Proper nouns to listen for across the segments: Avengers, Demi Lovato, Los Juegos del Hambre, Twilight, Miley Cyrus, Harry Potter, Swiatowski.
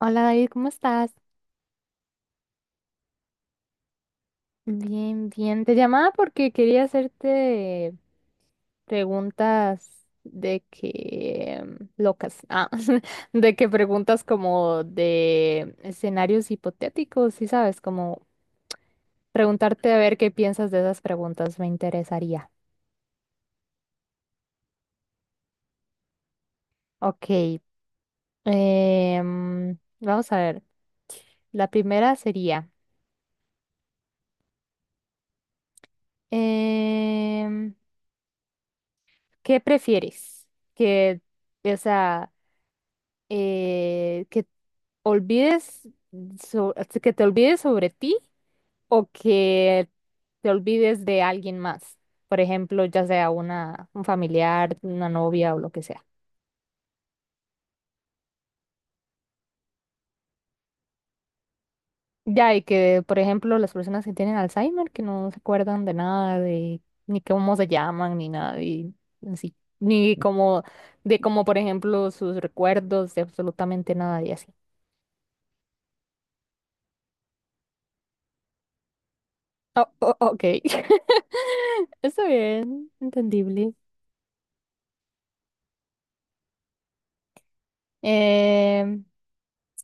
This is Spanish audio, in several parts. Hola David, ¿cómo estás? Bien, bien. Te llamaba porque quería hacerte preguntas de que locas, de que preguntas como de escenarios hipotéticos, sí sabes, como preguntarte a ver qué piensas de esas preguntas, me interesaría. Ok, vamos a ver. La primera sería, em, ¿qué prefieres? Que, o sea, que olvides so- que te olvides sobre ti o que te olvides de alguien más. Por ejemplo, ya sea un familiar, una novia o lo que sea. Ya, y que, por ejemplo, las personas que tienen Alzheimer, que no se acuerdan de nada, de ni cómo se llaman, ni nada, y así, ni como, de como, por ejemplo, sus recuerdos, de absolutamente nada y así. Oh, oh, ok. Está bien, entendible. Eh,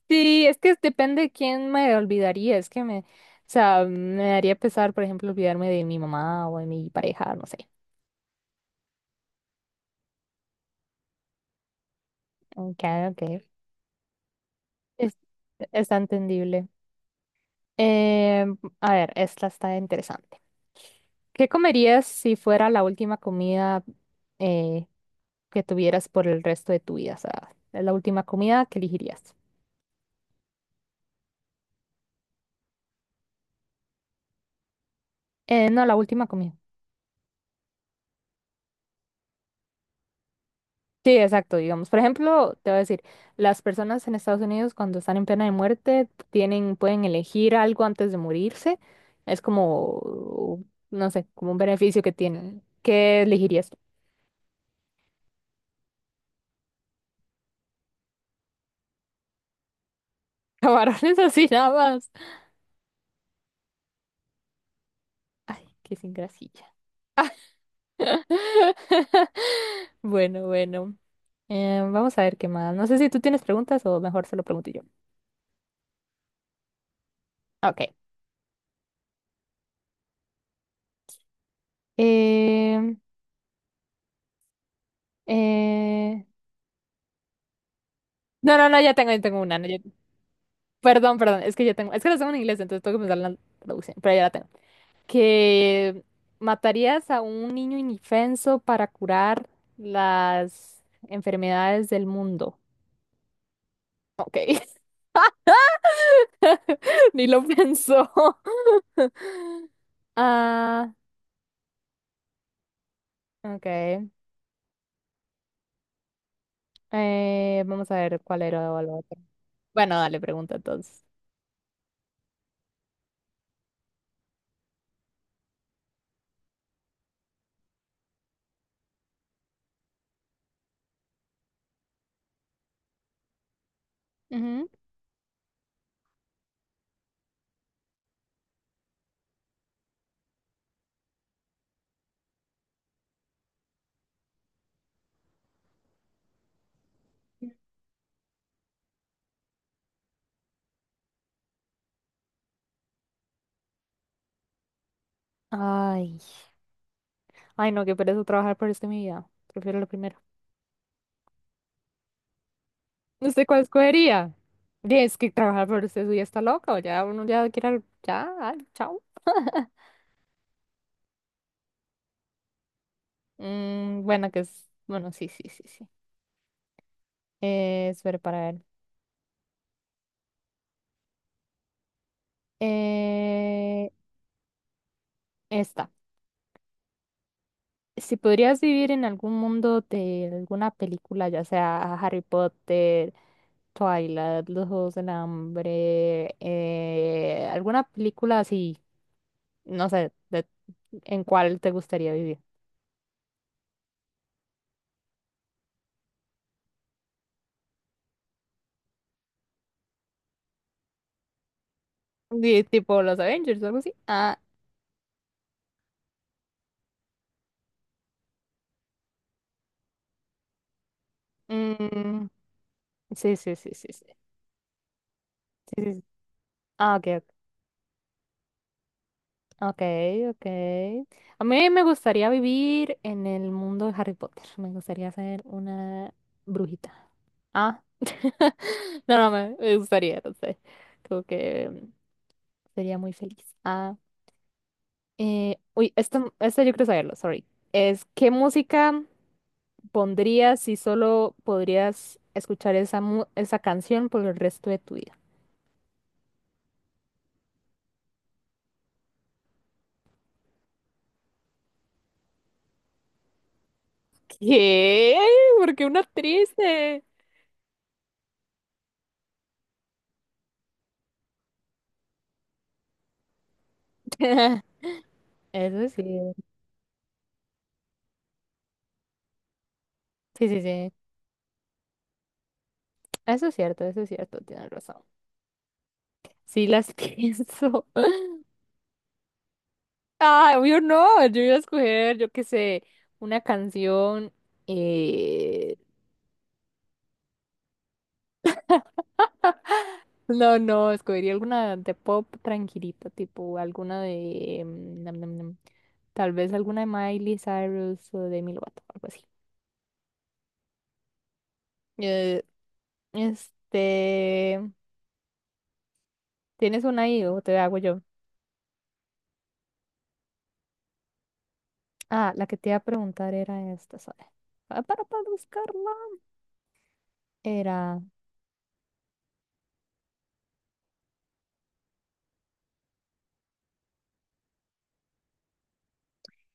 sí, es que depende de quién me olvidaría, es que me, o sea, me daría pesar, por ejemplo, olvidarme de mi mamá o de mi pareja, no sé. Ok, ok. Es, está entendible. Eh, a ver, esta está interesante. ¿Qué comerías si fuera la última comida eh, que tuvieras por el resto de tu vida? O sea, la última comida que elegirías. No, la última comida. Sí, exacto, digamos. Por ejemplo, te voy a decir, las personas en Estados Unidos cuando están en pena de muerte tienen, pueden elegir algo antes de morirse. Es como, no sé, como un beneficio que tienen. ¿Qué elegirías? Camarones así nada más. Ay, qué sin grasilla. Bueno, bueno. Vamos a ver qué más. No sé si tú tienes preguntas o mejor se lo pregunto yo. Ok. Eh, eh... No, no, no, ya tengo una. No, ya- Perdón, perdón. Es que ya tengo, es que las tengo en inglés, entonces tengo que pensar en la traducción, pero ya la tengo. Que matarías a un niño indefenso para curar las enfermedades del mundo. Ok, ni lo pensó. Ah, ok. Vamos a ver cuál era lo otro. Bueno, dale, pregunta entonces. Ujú. Ay, ay, no, qué pereza trabajar por esto en mi vida. Prefiero lo primero. No sé cuál escogería. Y es que trabajar por usted ya está loco, ya uno ya quiere, ya, ay, chao. Mm, bueno, que es. Bueno, sí, sí, sí, sí. Espera para ver. Eh, esta. Si podrías vivir en algún mundo de alguna película, ya sea Harry Potter, Twilight, Los Juegos del Hambre, alguna película así, no sé, en cuál te gustaría vivir. Tipo los Avengers o algo así. Ah, mm, sí, sí, sí, sí, sí. Sí, sí, sí. Ah, ok, ok. Okay, okay. A mí me gustaría vivir en el mundo de Harry Potter. Me gustaría ser una brujita. Ah, no, no, me gustaría, no sé. Como que sería muy feliz. Ah, uy, esto yo quiero saberlo, sorry. Es, ¿qué música pondrías si solo podrías escuchar esa, esa canción por el resto de tu vida? ¿Qué? ¿Por qué una triste? Eso sí. Sí, sí, sí. Eso es cierto, tienes razón. Sí las pienso. Ah, obvio no, yo iba a escoger, yo qué sé, una canción. eh, No, no, escogería alguna de pop tranquilita, tipo alguna de... tal vez alguna de Miley Cyrus o de Demi Lovato, algo así. Eh, este... ¿Tienes una ahí o te hago yo? Ah, la que te iba a preguntar era esta, ¿sabes? Ah, para buscarla. Era.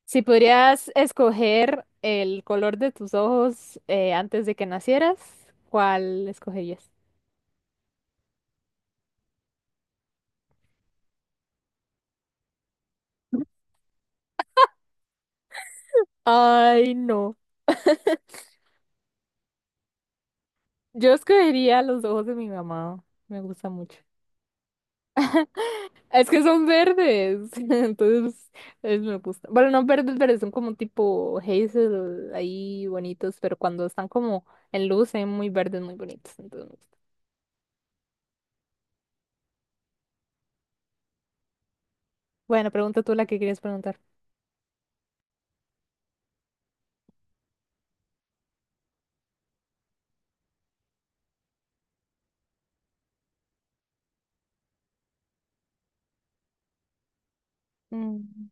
Si pudieras escoger el color de tus ojos antes de que nacieras, ¿cuál escogerías? Ay, no. Yo escogería los ojos de mi mamá. Me gusta mucho. Es que son verdes. Entonces, me gusta. Bueno, no verdes, verdes, son como tipo hazel ahí bonitos, pero cuando están como en luz, son muy verdes, muy bonitos. Entonces, me gusta. Bueno, pregunta tú la que querías preguntar. Mm.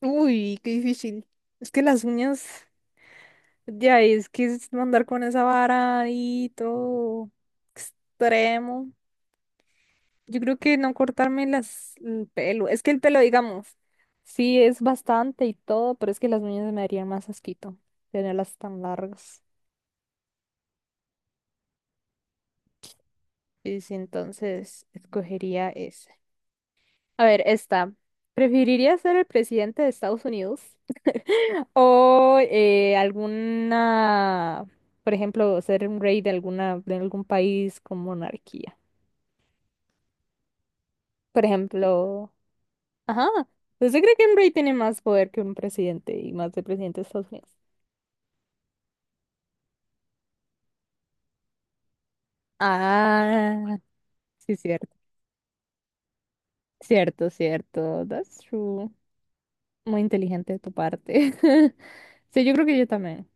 Uy, qué difícil. Es que las uñas. Ya, y es que es andar con esa vara y todo extremo. Yo creo que no cortarme el pelo. Es que el pelo, digamos, sí es bastante y todo, pero es que las uñas me darían más asquito tenerlas tan largas. Y sí, entonces escogería ese. A ver, esta. ¿Preferiría ser el presidente de Estados Unidos o alguna, por ejemplo, ser un rey de alguna, de algún país con monarquía? Por ejemplo, ajá, ¿usted cree que un rey tiene más poder que un presidente y más de presidente de Estados Unidos? Ah, sí, cierto, cierto, cierto, that's true. Muy inteligente de tu parte. Sí, yo creo que yo también.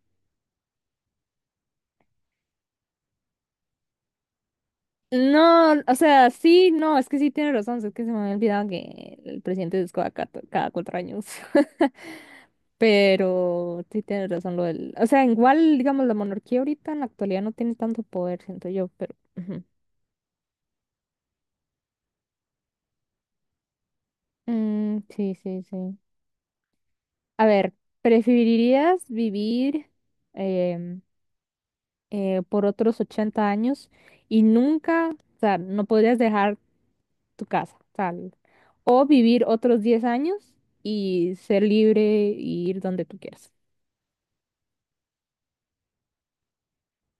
No, o sea, sí, no, es que sí tiene razón, es que se me había olvidado que el presidente es cada 4 años. Pero sí tiene razón lo del, o sea, igual, digamos, la monarquía ahorita en la actualidad no tiene tanto poder, siento yo, pero... ujú. Mm, sí, sí, sí. A ver, ¿preferirías vivir em, por otros 80 años y nunca, o sea, no podrías dejar tu casa, tal? O vivir otros 10 años y ser libre y ir donde tú quieras.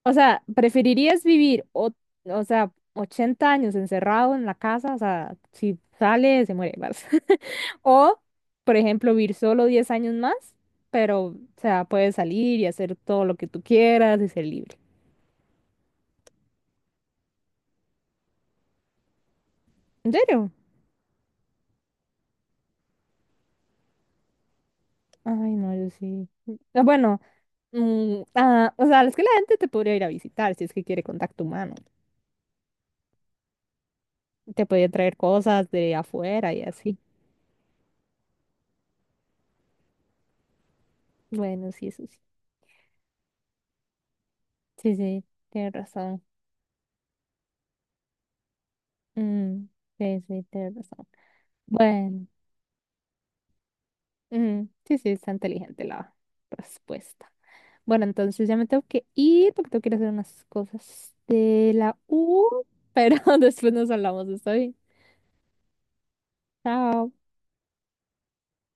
O sea, ¿preferirías vivir, o sea, 80 años encerrado en la casa? O sea, si sale, se muere, ¿vale? O, por ejemplo, vivir solo 10 años más, pero, o sea, puedes salir y hacer todo lo que tú quieras y ser libre. ¿En serio? Ay, no, yo sí. Ah, bueno, o sea, es que la gente te podría ir a visitar si es que quiere contacto humano. Te podría traer cosas de afuera y así. Bueno, sí, eso sí. Sí, sí, tienes razón. Mm, sí, sí, tienes razón. Bueno, sí, sí, está inteligente la respuesta. Bueno, entonces ya me tengo que ir porque tengo que ir a hacer unas cosas de la U, pero después nos hablamos, ¿está bien? Chao.